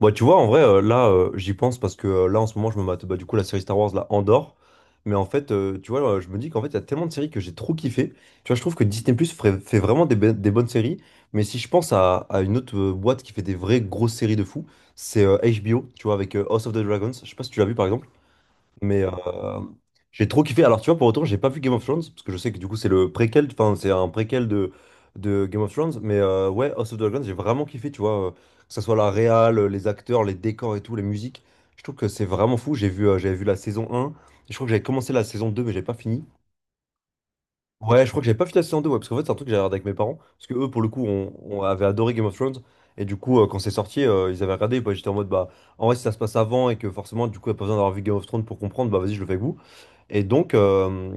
Bah, tu vois, en vrai, là, j'y pense parce que là, en ce moment, je me mate bah, du coup la série Star Wars, là, Andorre. Mais en fait, tu vois, je me dis qu'en fait, il y a tellement de séries que j'ai trop kiffé. Tu vois, je trouve que Disney Plus fait vraiment des bonnes séries. Mais si je pense à une autre boîte qui fait des vraies grosses séries de fou, c'est HBO, tu vois, avec House of the Dragons. Je sais pas si tu l'as vu par exemple. Mais j'ai trop kiffé. Alors, tu vois, pour autant, j'ai pas vu Game of Thrones, parce que je sais que du coup, c'est le préquel, enfin, c'est un préquel de Game of Thrones. Mais ouais, House of the Dragons, j'ai vraiment kiffé, tu vois, que ce soit la réal, les acteurs, les décors et tout, les musiques. Je trouve que c'est vraiment fou. J'avais vu la saison 1. Je crois que j'avais commencé la saison 2, mais j'ai pas fini. Ouais, je crois que j'avais pas vu la saison 2, ouais, parce qu'en fait, c'est un truc que j'avais regardé avec mes parents, parce que eux, pour le coup, on avait adoré Game of Thrones, et du coup, quand c'est sorti, ils avaient regardé, et bah, j'étais en mode, bah, en vrai, si ça se passe avant, et que forcément, du coup, il n'y a pas besoin d'avoir vu Game of Thrones pour comprendre, bah, vas-y, je le fais avec vous. Et donc, euh,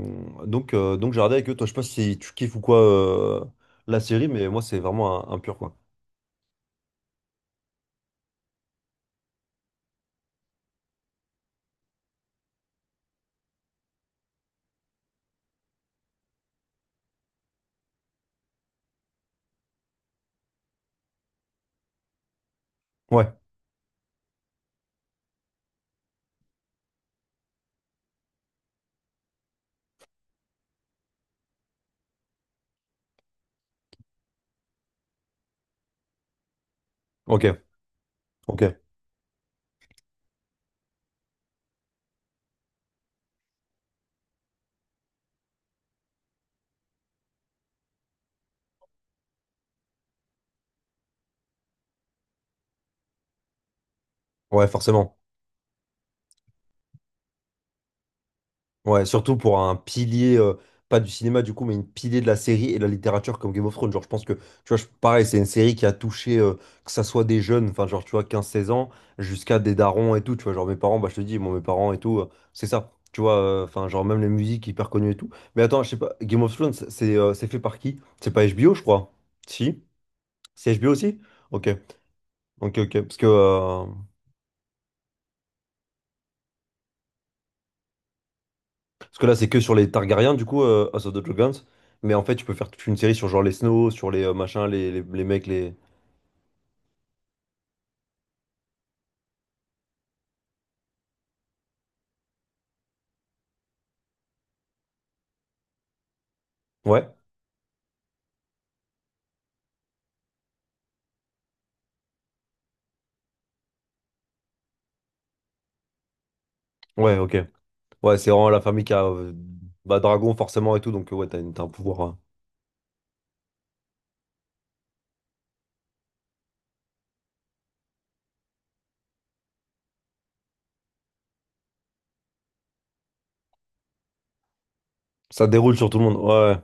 donc, euh, donc, j'ai regardé avec eux, toi, je sais pas si tu kiffes ou quoi, la série, mais moi, c'est vraiment un pur, quoi. Ouais, ok, ok, ouais, forcément. Ouais, surtout pour un pilier, pas du cinéma du coup, mais une pilier de la série et de la littérature comme Game of Thrones. Genre, je pense que, tu vois, pareil, c'est une série qui a touché, que ça soit des jeunes, enfin, genre, tu vois, 15-16 ans, jusqu'à des darons et tout, tu vois. Genre, mes parents, bah, je te dis, bon, mes parents et tout, c'est ça, tu vois, enfin, genre, même les musiques hyper connues et tout. Mais attends, je sais pas, Game of Thrones, c'est fait par qui? C'est pas HBO, je crois. Si? C'est HBO aussi? Ok, ok, ok. Parce que là, c'est que sur les Targaryens, du coup, House of the Dragons. Mais en fait, tu peux faire toute une série sur genre les Snow, sur les machins, les mecs, les. Ouais, ouais, ok. Ouais, c'est vraiment la famille qui a. Bah, Dragon, forcément, et tout. Donc, ouais, t'as un pouvoir. Ça déroule sur tout le monde. Ouais, ouais.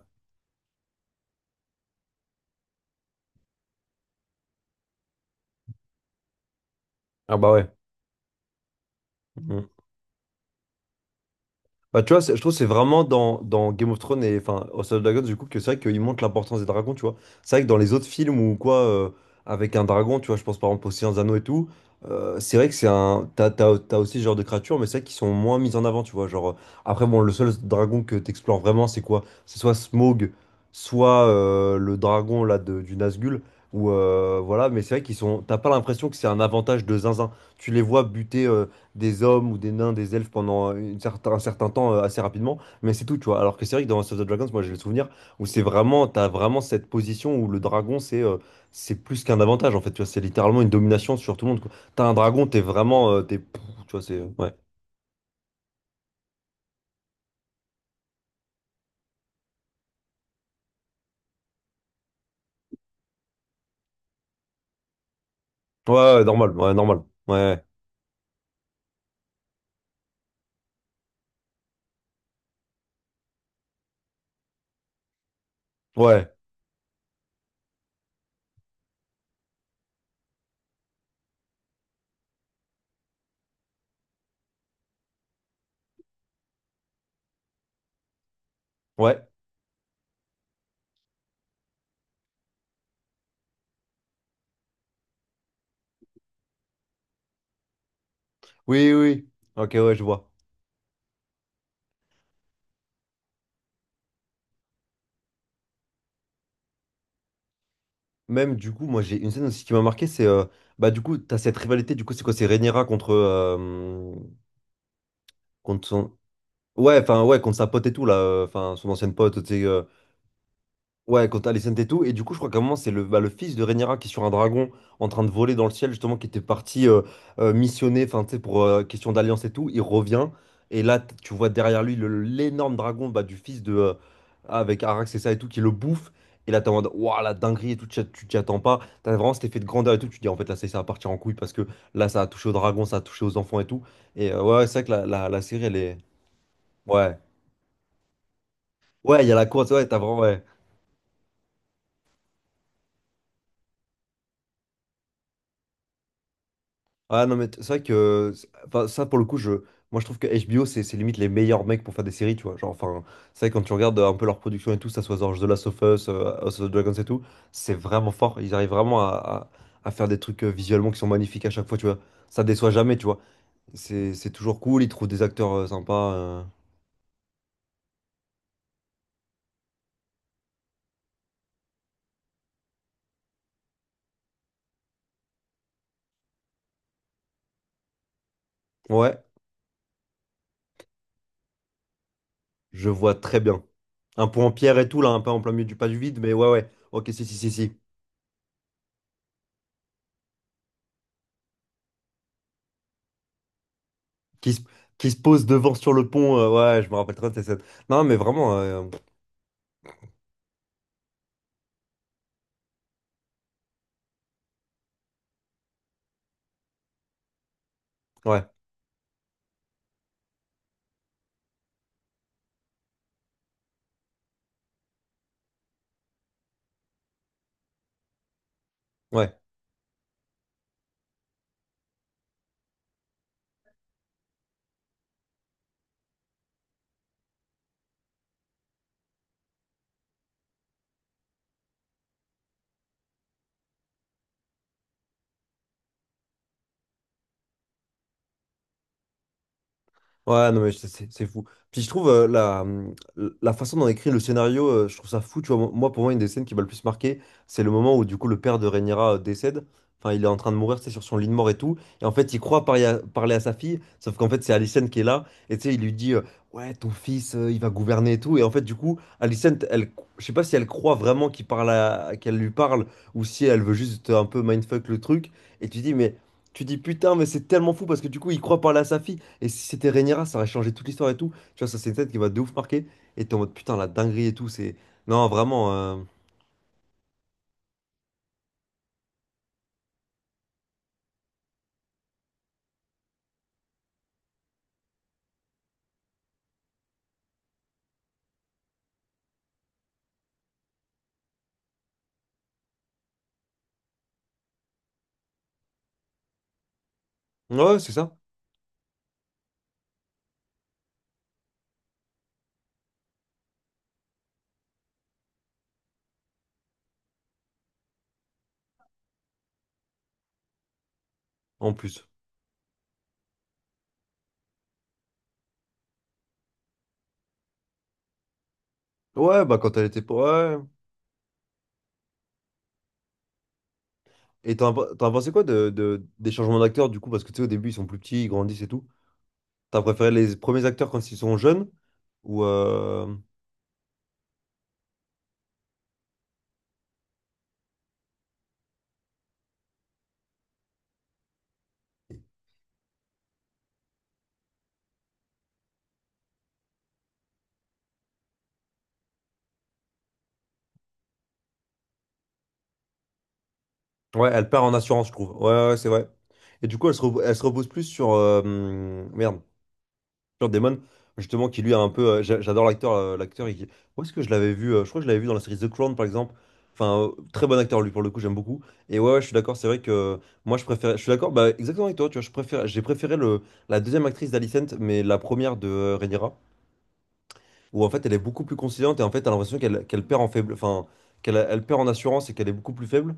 Ah, bah ouais. Mm. Bah, tu vois, je trouve que c'est vraiment dans Game of Thrones et enfin House of Dragons, du coup, que c'est vrai qu'ils montrent l'importance des dragons, tu vois. C'est vrai que dans les autres films ou quoi, avec un dragon, tu vois, je pense par exemple aux Seigneurs des Anneaux et tout, c'est vrai que c'est un. T'as aussi ce genre de créatures, mais c'est vrai qu'ils sont moins mis en avant, tu vois. Genre, après, bon, le seul dragon que t'explores vraiment, c'est quoi? C'est soit Smaug, soit le dragon là du Nazgûl, ou voilà, mais c'est vrai qu'ils sont. T'as pas l'impression que c'est un avantage de zinzin. Tu les vois buter. Des hommes ou des nains, des elfes pendant un certain temps assez rapidement, mais c'est tout, tu vois. Alors que c'est vrai que dans House of the Dragons, moi j'ai le souvenir où c'est vraiment, t'as vraiment cette position où le dragon c'est plus qu'un avantage en fait, tu vois, c'est littéralement une domination sur tout le monde, quoi. T'as un dragon, t'es vraiment, t'es, tu vois, c'est, ouais. Ouais, ouais, normal, ouais, normal, ouais, ouais, ouais, oui, oui, oui. Ok, ouais, je vois. Même du coup, moi j'ai une scène aussi qui m'a marqué, c'est, bah du coup, t'as cette rivalité, du coup, c'est quoi, c'est Rhaenyra contre son... Ouais, enfin, ouais, contre sa pote et tout, là, enfin, son ancienne pote, tu sais, ouais, contre Alicent et tout. Et du coup, je crois qu'à un moment, c'est le fils de Rhaenyra qui est sur un dragon en train de voler dans le ciel, justement, qui était parti missionner, enfin, tu sais, pour question d'alliance et tout. Il revient, et là, tu vois derrière lui l'énorme dragon bah, du fils de. Avec Arax et ça et tout, qui le bouffe. Et là, t'es en mode, waouh, la dinguerie et tout, tu t'y attends pas. T'as vraiment cet effet de grandeur et tout. Tu te dis, en fait, là, c'est ça va partir en couille parce que là, ça a touché au dragon, ça a touché aux enfants et tout. Et ouais, ouais, c'est vrai que la série, elle est. Ouais. Ouais, il y a la course, ouais, t'as vraiment, ouais. Ah non, mais c'est vrai que, enfin, ça pour le coup, moi je trouve que HBO, c'est limite les meilleurs mecs pour faire des séries, tu vois. Genre, enfin, c'est vrai, quand tu regardes un peu leur production et tout, ça soit genre The Last of Us, House of the Dragons et tout, c'est vraiment fort. Ils arrivent vraiment à faire des trucs visuellement qui sont magnifiques à chaque fois, tu vois. Ça déçoit jamais, tu vois. C'est toujours cool, ils trouvent des acteurs sympas. Ouais, je vois très bien. Un peu en pierre et tout, là, un peu en plein milieu du pas du vide, mais ouais, ouais. Ok, si, si, si, si. qui se, qui se pose devant sur le pont. Ouais, je me rappelle très bien de cette scène. Non, mais vraiment, ouais, ouais. Ouais, non, mais c'est fou. Puis je trouve la façon dont écrit le scénario, je trouve ça fou. Tu vois, moi, pour moi, une des scènes qui m'a le plus marqué, c'est le moment où, du coup, le père de Rhaenyra décède. Enfin, il est en train de mourir, c'est sur son lit de mort et tout. Et en fait, il croit parler à sa fille, sauf qu'en fait, c'est Alicent qui est là. Et tu sais, il lui dit, ouais, ton fils, il va gouverner et tout. Et en fait, du coup, Alicent, elle, je sais pas si elle croit vraiment qu'elle lui parle ou si elle veut juste un peu mindfuck le truc. Et tu dis, mais. Tu dis putain, mais c'est tellement fou parce que du coup, il croit parler à sa fille. Et si c'était Rhaenyra, ça aurait changé toute l'histoire et tout. Tu vois, ça, c'est une scène qui va de ouf marquer. Et t'es en mode putain, la dinguerie et tout, c'est. Non, vraiment. Ouais, c'est ça. En plus. Ouais, bah quand elle était. Ouais. Et t'en as pensé quoi des changements d'acteurs du coup? Parce que tu sais, au début, ils sont plus petits, ils grandissent et tout. T'as préféré les premiers acteurs quand ils sont jeunes? Ou. Ouais, elle perd en assurance, je trouve. Ouais, ouais, ouais, c'est vrai. Et du coup, elle se repose plus sur. Merde. Matt Damon, justement, qui lui a un peu. J'adore l'acteur. Où est-ce que je l'avais vu? Je crois que je l'avais vu dans la série The Crown, par exemple. Enfin, très bon acteur, lui, pour le coup, j'aime beaucoup. Et ouais, ouais, je suis d'accord, c'est vrai que moi, je préfère. Je suis d'accord, bah, exactement avec toi, tu vois, j'ai préféré la deuxième actrice d'Alicent, mais la première de Rhaenyra, où en fait, elle est beaucoup plus conciliante et en fait, t'as l'impression qu'elle perd en faible. Enfin, qu'elle elle perd en assurance et qu'elle est beaucoup plus faible.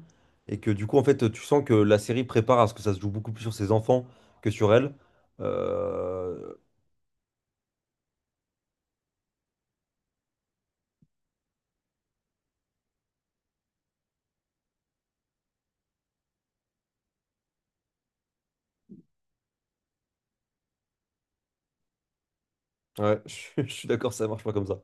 Et que du coup, en fait, tu sens que la série prépare à ce que ça se joue beaucoup plus sur ses enfants que sur elle. Euh, Ouais, je suis d'accord, ça marche pas comme ça.